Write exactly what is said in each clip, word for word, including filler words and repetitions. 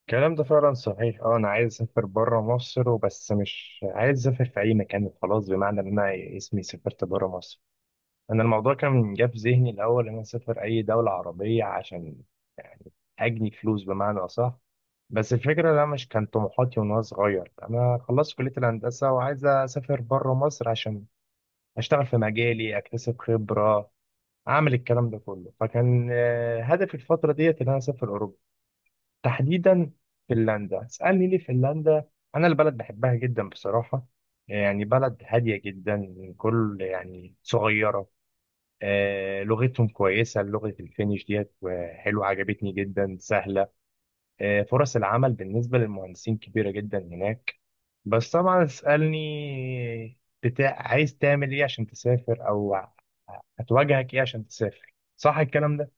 الكلام ده فعلا صحيح، اه انا عايز اسافر بره مصر وبس مش عايز اسافر في اي مكان خلاص، بمعنى ان انا اسمي سافرت بره مصر. انا الموضوع كان جه في ذهني الاول ان انا اسافر اي دوله عربيه عشان يعني اجني فلوس بمعنى اصح. بس الفكره ده مش كان طموحاتي وانا صغير. انا خلصت كليه الهندسه وعايز اسافر بره مصر عشان اشتغل في مجالي، اكتسب خبره، اعمل الكلام ده كله. فكان آه، هدفي الفتره ديت ان انا اسافر اوروبا، تحديدا فنلندا. اسألني ليه فنلندا؟ أنا البلد بحبها جدا بصراحة. يعني بلد هادية جدا، كل يعني صغيرة. آه لغتهم كويسة، لغة الفينيش ديت آه، حلوة، عجبتني جدا، سهلة. آه فرص العمل بالنسبة للمهندسين كبيرة جدا هناك. بس طبعا اسألني، بتاع عايز تعمل ايه عشان تسافر او هتواجهك ايه عشان تسافر؟ صح الكلام ده؟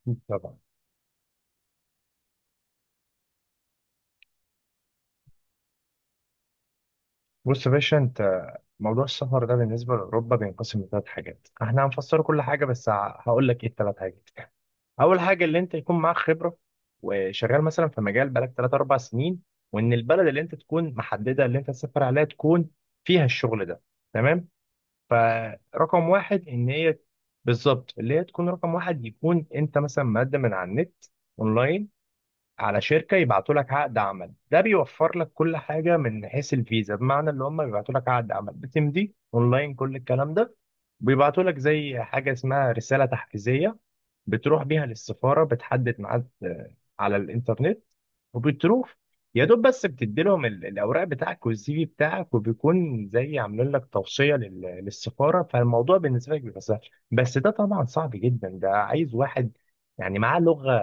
أكيد طبعا. بص يا باشا انت، موضوع السفر ده بالنسبه لاوروبا بينقسم لثلاث حاجات. احنا هنفسر كل حاجه، بس ه- هقول لك ايه الثلاث حاجات. اول حاجه اللي انت يكون معاك خبره وشغال مثلا في مجال بقالك تلات أربع سنين، وان البلد اللي انت تكون محدده اللي انت تسافر عليها تكون فيها الشغل ده. تمام؟ فرقم واحد ان هي بالظبط، اللي هي تكون رقم واحد، يكون انت مثلا مقدم من على النت، اونلاين، على شركه يبعتوا لك عقد عمل. ده بيوفر لك كل حاجه من حيث الفيزا، بمعنى اللي هم بيبعتوا لك عقد عمل، بتمضي اونلاين كل الكلام ده، بيبعتوا لك زي حاجه اسمها رساله تحفيزيه، بتروح بيها للسفاره، بتحدد ميعاد آه، على الانترنت، وبتروح، يا دوب بس بتدي لهم ال- الاوراق بتاعك والسي في بتاعك، وبيكون زي عاملين لك توصيه لل- للسفاره، فالموضوع بالنسبه لك بيبقى سهل. بس ده طبعا صعب جدا، ده عايز واحد يعني معاه لغه،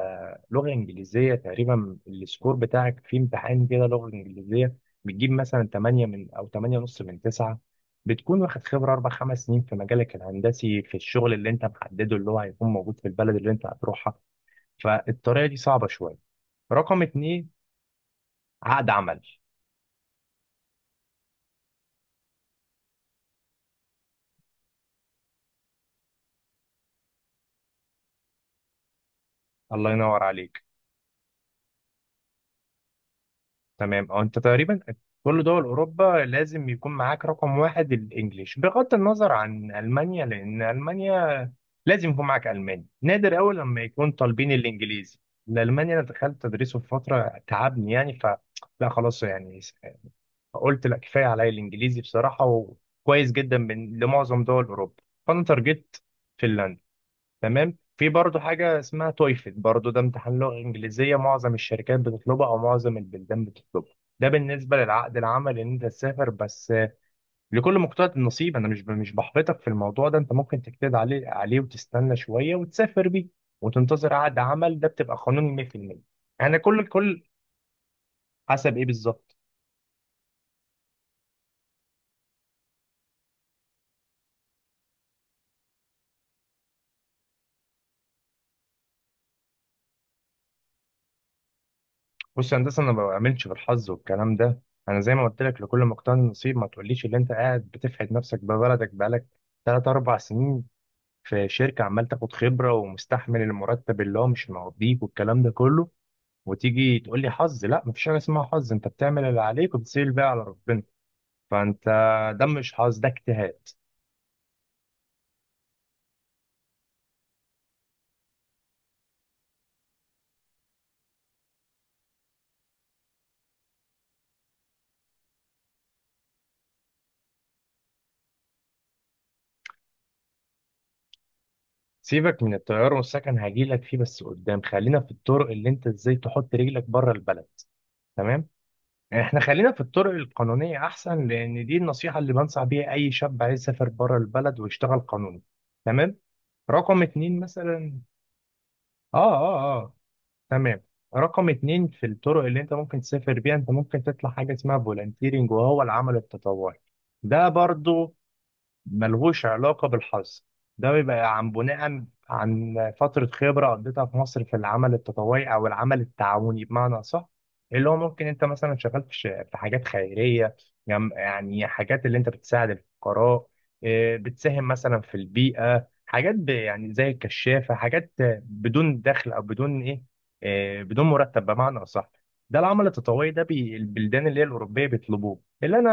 لغة إنجليزية. تقريبا السكور بتاعك في امتحان كده لغة إنجليزية بتجيب مثلا تمانية من، أو تمانية ونص من تسعة. بتكون واخد خبرة أربع خمس سنين في مجالك الهندسي في الشغل اللي أنت محدده، اللي هو هيكون موجود في البلد اللي أنت هتروحها. فالطريقة دي صعبة شوية. رقم اتنين، عقد عمل. الله ينور عليك. تمام، او انت تقريبا كل دول اوروبا لازم يكون معاك رقم واحد الانجليش، بغض النظر عن المانيا، لان المانيا لازم يكون معاك الماني. نادر قوي لما يكون طالبين الانجليزي. الالماني انا دخلت تدريسه في فتره، تعبني يعني، ف لا خلاص يعني، قلت لا كفايه عليا الانجليزي بصراحه، وكويس جدا من لمعظم دول اوروبا، فانا ترجت فنلندا. تمام، في برضه حاجة اسمها تويفل، برضه ده امتحان لغة إنجليزية معظم الشركات بتطلبه أو معظم البلدان بتطلبه. ده بالنسبة للعقد العمل إن أنت تسافر. بس آه، لكل مقتضى النصيب. أنا مش ب- مش بحبطك في الموضوع ده، أنت ممكن تجتهد عليه عليه وتستنى شوية وتسافر بيه وتنتظر عقد عمل. ده بتبقى قانوني مية في المية. أنا كل كل حسب إيه بالظبط؟ بص يا هندسة، أنا ما بعملش بالحظ والكلام ده. أنا زي ما قلت لك لكل مقتضى النصيب. ما تقوليش اللي أنت قاعد بتفحت نفسك ببلدك بقالك تلات أربع سنين في شركة عمال تاخد خبرة ومستحمل المرتب اللي هو مش مقضيك والكلام ده كله، وتيجي تقول لي حظ. لا، مفيش حاجة اسمها حظ، انت بتعمل اللي عليك وبتسيب بقى على ربنا. فانت، ده مش حظ، ده اجتهاد. سيبك من الطيارة والسكن، هجيلك فيه بس قدام. خلينا في الطرق اللي انت ازاي تحط رجلك بره البلد. تمام؟ يعني احنا خلينا في الطرق القانونية احسن، لان دي النصيحة اللي بنصح بيها اي شاب عايز يسافر بره البلد ويشتغل قانوني. تمام. رقم اتنين مثلا. اه اه. آه. تمام. رقم اتنين، في الطرق اللي انت ممكن تسافر بيها، انت ممكن تطلع حاجة اسمها فولنتيرنج، وهو العمل التطوعي. ده برضو ملهوش علاقة بالحظ. ده بيبقى عن بناء عن فترة خبرة قضيتها في مصر في العمل التطوعي أو العمل التعاوني، بمعنى صح. اللي هو ممكن أنت مثلا شغال في ش- في حاجات خيرية، جم- يعني حاجات اللي أنت بتساعد الفقراء، إيه، بتساهم مثلا في البيئة، حاجات ب- يعني زي الكشافة. حاجات بدون دخل أو بدون إيه، إيه، بدون مرتب بمعنى أصح. ده العمل التطوعي ده، بي- البلدان اللي هي الأوروبية بيطلبوه، اللي أنا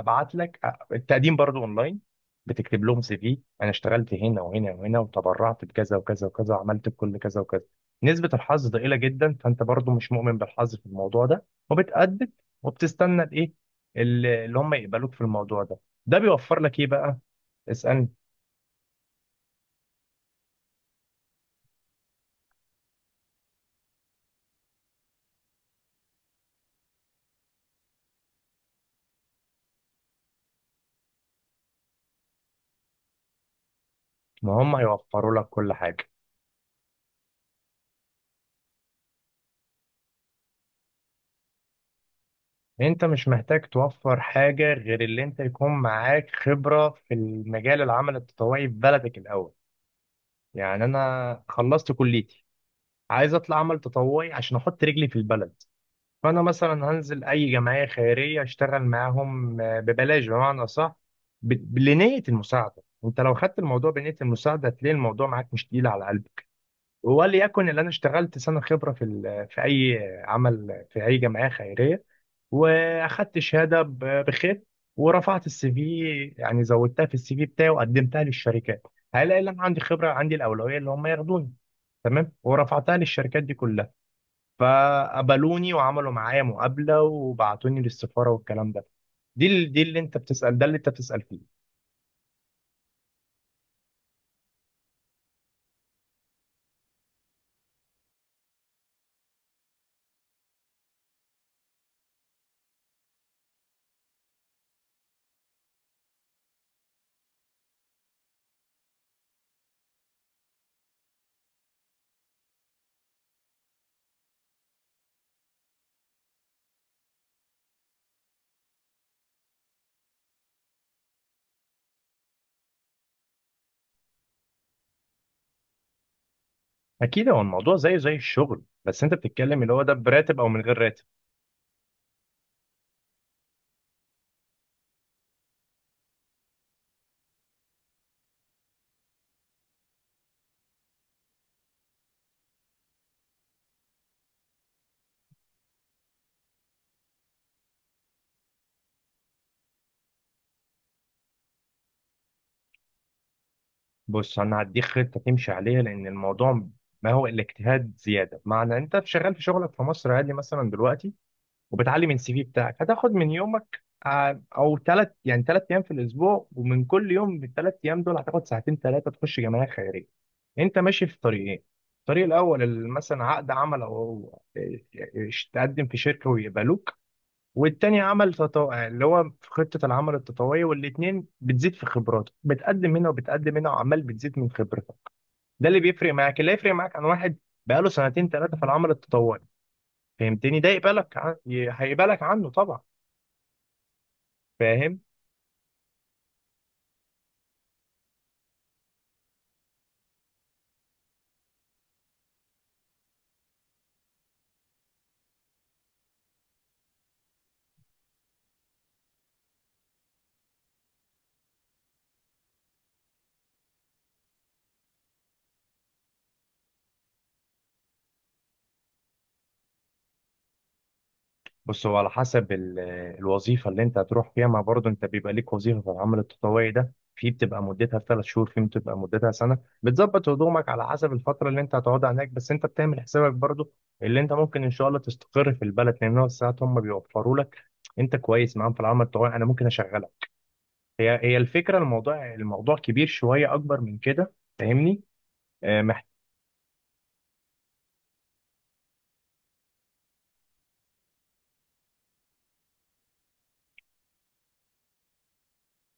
هبعت لك آه، التقديم برضو أونلاين. بتكتب لهم سي في، انا اشتغلت هنا وهنا وهنا وتبرعت بكذا وكذا وكذا وعملت بكل كذا وكذا. نسبة الحظ ضئيلة جدا، فانت برضو مش مؤمن بالحظ في الموضوع ده، وبتأدب وبتستنى الايه، ال- اللي هم يقبلوك في الموضوع ده. ده بيوفر لك ايه بقى؟ اسألني. ما هم هيوفروا لك كل حاجة. انت مش محتاج توفر حاجة غير اللي انت يكون معاك خبرة في المجال العمل التطوعي في بلدك الاول. يعني انا خلصت كليتي، عايز اطلع عمل تطوعي عشان احط رجلي في البلد. فانا مثلا هنزل اي جمعيه خيريه اشتغل معاهم آه، ببلاش بمعنى صح، بنيه المساعده. انت لو خدت الموضوع بنيه المساعده هتلاقي الموضوع معاك مش تقيل على قلبك. وليكن اللي انا اشتغلت سنه خبره في ال- في اي عمل في اي جمعيه خيريه، واخدت شهاده ب- بخير، ورفعت السي في، يعني زودتها في السي في بتاعي وقدمتها للشركات. هلاقي ان انا عندي خبره، عندي الاولويه اللي هم ياخدوني. تمام، ورفعتها للشركات دي كلها، فقبلوني وعملوا معايا مقابلة وبعتوني للسفارة والكلام ده. دي ال- دي اللي انت بتسأل، ده اللي انت بتسأل فيه. اكيد، هو الموضوع زيه زي الشغل، بس انت بتتكلم اللي هو ده براتب او من غير راتب. بص انا هديك خطة تمشي عليها. لان الموضوع، ما هو الاجتهاد زيادة، معنى انت شغال في شغلك في مصر عادي مثلا دلوقتي، وبتعلي من السي في بتاعك، هتاخد من يومك ع- او ثلاث، يعني ثلاث ايام في الاسبوع، ومن كل يوم من الثلاث ايام دول هتاخد ساعتين ثلاثه، تخش جمعيه خيريه. انت ماشي في طريقين، الطريق الاول ال- مثلا عقد عمل، او إيش- تقدم في شركه ويقبلوك. والتاني عمل تطوعي اللي هو في خطه العمل التطوعيه. والاتنين بتزيد في خبراتك، بتقدم هنا وبتقدم هنا، وعمال بتزيد من خبرتك. ده اللي بيفرق معاك، اللي هيفرق معاك عن واحد بقاله سنتين ثلاثه في العمل التطوعي. فهمتني؟ ده يقبلك ع- ي- هيقبلك عنه طبعا. فاهم؟ بص هو على حسب ال- الوظيفه اللي انت هتروح فيها. ما برضه انت بيبقى ليك وظيفه في العمل التطوعي ده، في بتبقى مدتها ثلاث شهور، في بتبقى مدتها سنه. بتظبط هدومك على حسب الفتره اللي انت هتقعدها هناك. بس انت بتعمل حسابك برضه اللي انت ممكن ان شاء الله تستقر في البلد، لان هو ساعات هم بيوفروا لك، انت كويس معاهم في العمل التطوعي، انا ممكن اشغلك. هي هي الفكره، الموضوع الموضوع كبير شويه، اكبر من كده. فاهمني؟ آه، مح-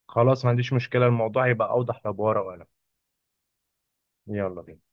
خلاص، ما عنديش مشكله، الموضوع يبقى اوضح لو بورقه وقلم. يلا بينا.